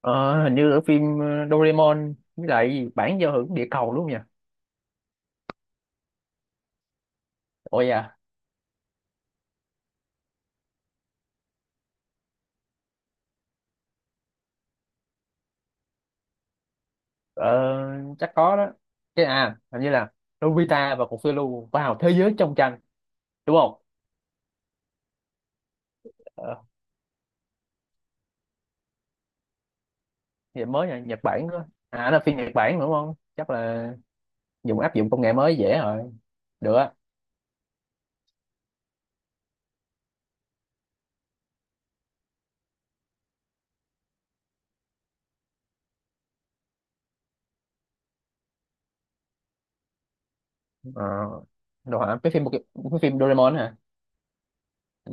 Ờ, Hình như ở phim Doraemon với lại cái gì, bản giao hưởng địa cầu đúng không nhỉ? Ôi à, ờ, chắc có đó. Cái à, hình như là Nobita và cục phiêu lưu vào thế giới trong tranh đúng không? Ờ, Vậy mới nhỉ, Nhật Bản đó. À, là phim Nhật Bản đúng không? Chắc là dùng áp dụng công nghệ mới dễ rồi. Được á. Ờ, Đồ hả? Cái phim Doraemon hả? Ừ,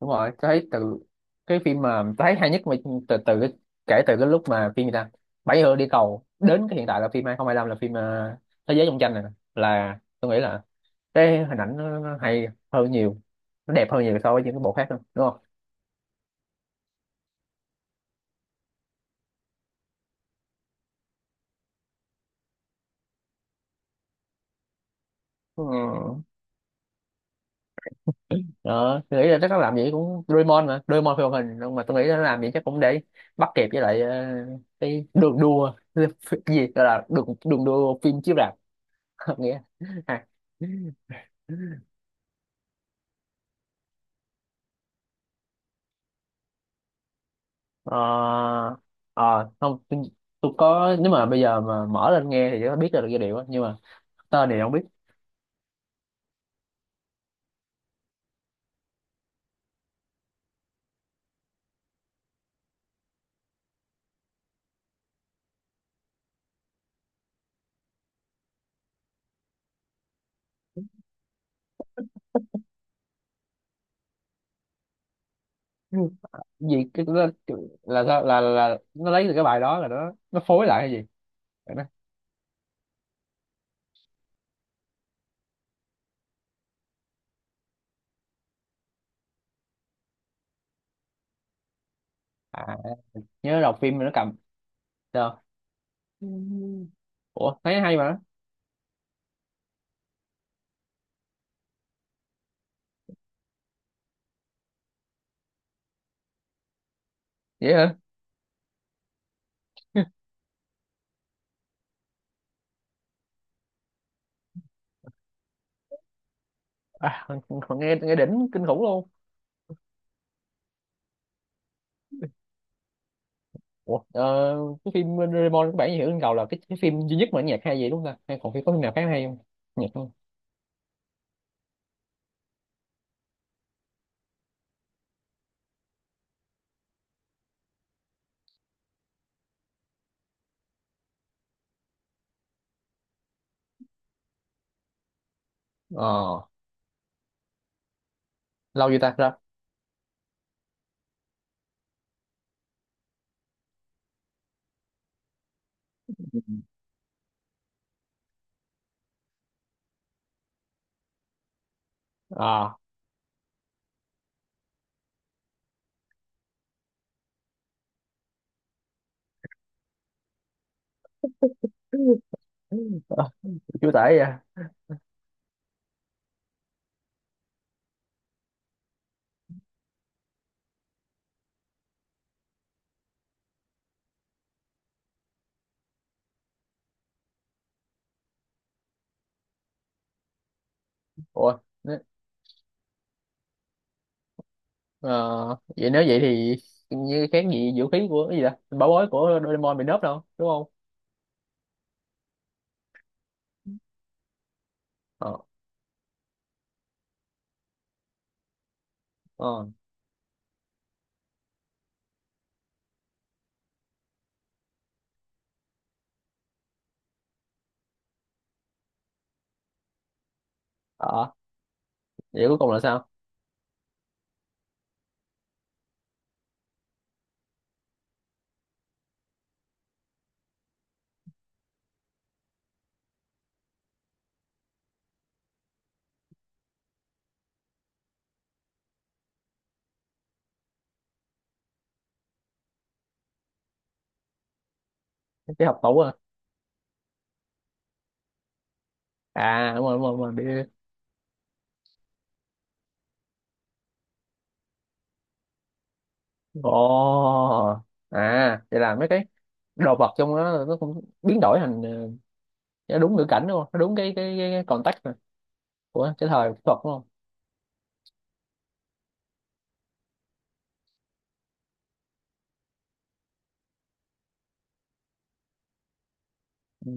đúng rồi, tôi thấy từ cái phim mà tôi thấy hay nhất, mà từ từ cái, kể từ cái lúc mà phim gì ta, bảy hươu đi cầu, đến cái hiện tại là phim 2025, là phim thế giới trong tranh này nè. Là tôi nghĩ là cái hình ảnh nó hay hơn nhiều, nó đẹp hơn nhiều so với những cái bộ khác nữa đúng không? Ừ. Đó, tôi nghĩ là chắc nó làm gì cũng Doraemon, mà Doraemon phim hoạt hình, nhưng mà tôi nghĩ nó làm gì chắc cũng để bắt kịp với lại cái đường đua cái gì gọi là đường đường đua phim chiếu rạp nghĩa ha. Ờ, ờ, Không, tôi, có, nếu mà bây giờ mà mở lên nghe thì sẽ biết ra được giai điệu á, nhưng mà tên thì không biết. Ừ. Gì cái là sao, là, nó lấy từ cái bài đó, là nó phối lại hay gì? Vậy đó. À, nhớ đọc phim mà nó cầm sao. Ừ. Ủa, thấy hay mà. Vậy hả? À, còn nghe nghe đỉnh kinh khủng luôn. Ủa, cái phim Doraemon các bạn hiểu trên cầu là cái phim duy nhất mà nhạc hay vậy đúng không ta, hay còn phim, có phim nào khác hay không, nhạc không? ờ Lâu chưa ta ra? À. Ờ, chú tải vậy à? Ủa, nếu- ờ, vậy nếu vậy thì như kháng nghị vũ khí của cái gì đó, bảo bối của Doraemon bị nớp đâu đúng không? ờ ờ ờ Vậy cuối cùng là sao? Cái hộp tủ à? À, đúng rồi, đúng rồi, đúng rồi. Ồ. À, vậy là mấy cái đồ vật trong đó nó cũng biến đổi thành nó đúng ngữ cảnh đúng không, nó đúng cái context này của cái thời thuật đúng không? Ừ.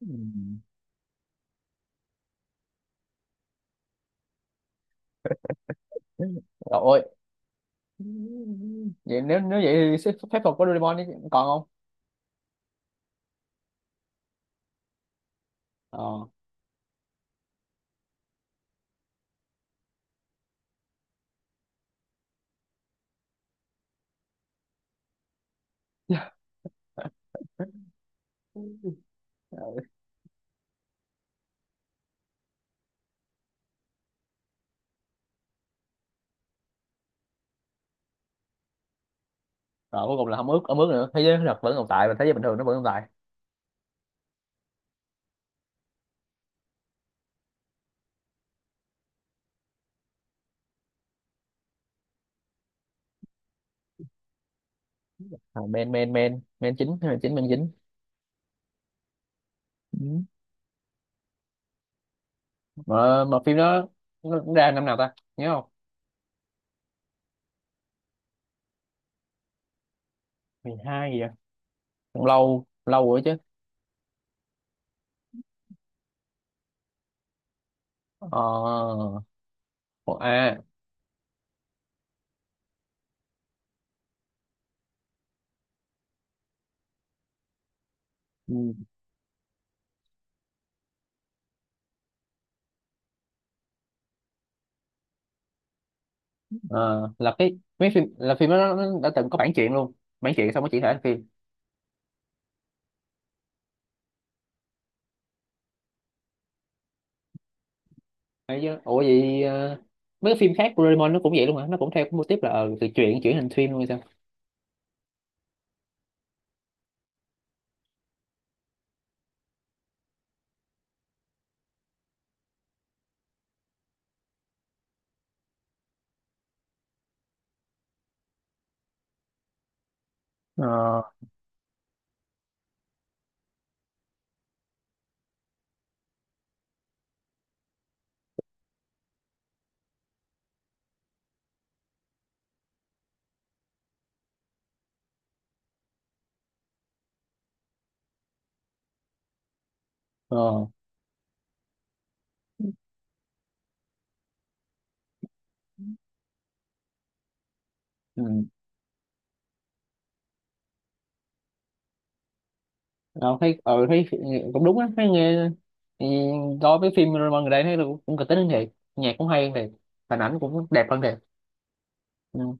Ừ. Rồi, vậy nếu nếu vậy thì phép thuật của Doraemon còn không? Ờ. Rồi cuối cùng là không ướt, nữa, thế giới thật vẫn tồn tại và thế giới bình thường nó vẫn tồn tại. À, men men men men chính men chính men chính. Ừ. mà phim đó nó cũng ra năm nào ta nhớ không? 12 gì vậy? Cũng lâu lâu rồi chứ. ờ À, ừ, ờ, là cái mấy phim, là phim đó nó đã từng có bản truyện luôn, bản truyện xong nó chuyển thể thành phim. Đấy chứ. Ủa vậy, mấy cái phim khác của Doraemon nó cũng vậy luôn hả, nó cũng theo cái mô típ là từ truyện chuyển thành phim luôn hay sao? ờ ờ ừ. Ờ, thấy cũng đúng á, thấy nghe thì coi mấy phim Real gần đây thấy là cũng kịch tính hơn thiệt, nhạc cũng hay hơn thiệt, hình ảnh cũng đẹp hơn thiệt. Ừ.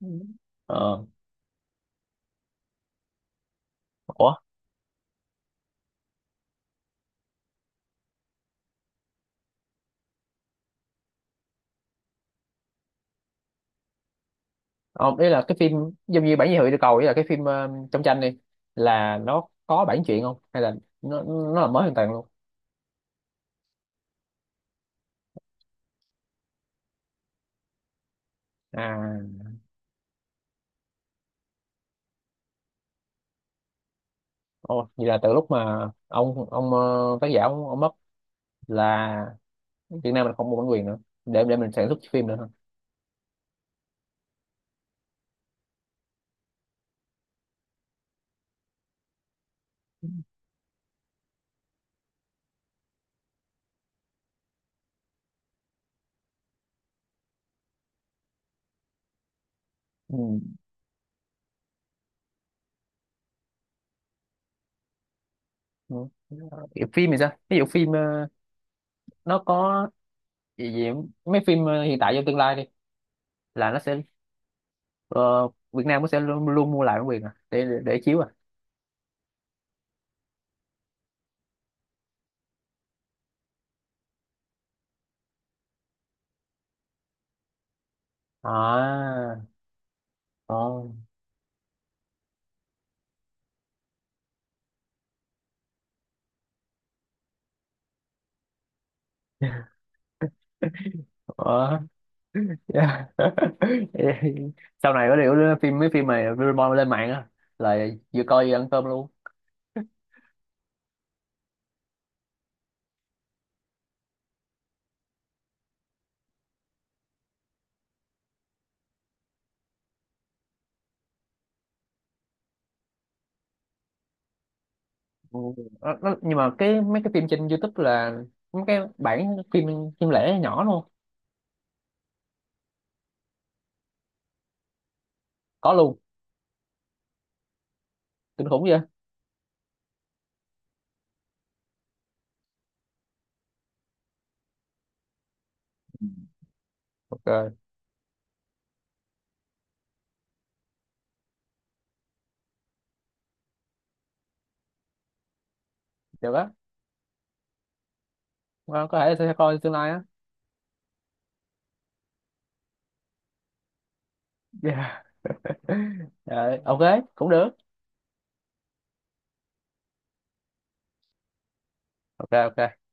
Ừ. ờ Ủa, ờ, ý là cái phim giống như bản dị hữu địa cầu, ý là cái phim trong tranh đi, là nó có bản truyện không hay là nó là mới hoàn toàn luôn? À. Ồ, vậy là từ lúc mà ông tác giả ông mất, là Việt Nam mình không mua bản quyền nữa, để mình sản xuất phim nữa hả? Ừ. Ừ. Phim thì sao, ví dụ phim nó có, vì gì, mấy phim hiện tại trong tương lai đi, là nó sẽ ờ, Việt Nam nó sẽ luôn, luôn mua lại bản quyền à, để chiếu à? À. ờ ờ Sau này có điều mấy phim mà Doraemon lên mạng á là vừa coi vừa ăn cơm luôn. Ừ, nhưng mà cái mấy cái phim trên YouTube là mấy cái bản phim phim lẻ nhỏ luôn, có luôn. Kinh khủng vậy. Ok, được á. Ờ, có thể sẽ coi tương lai á. Yeah. Ờ, ok, cũng được. Ok, ok.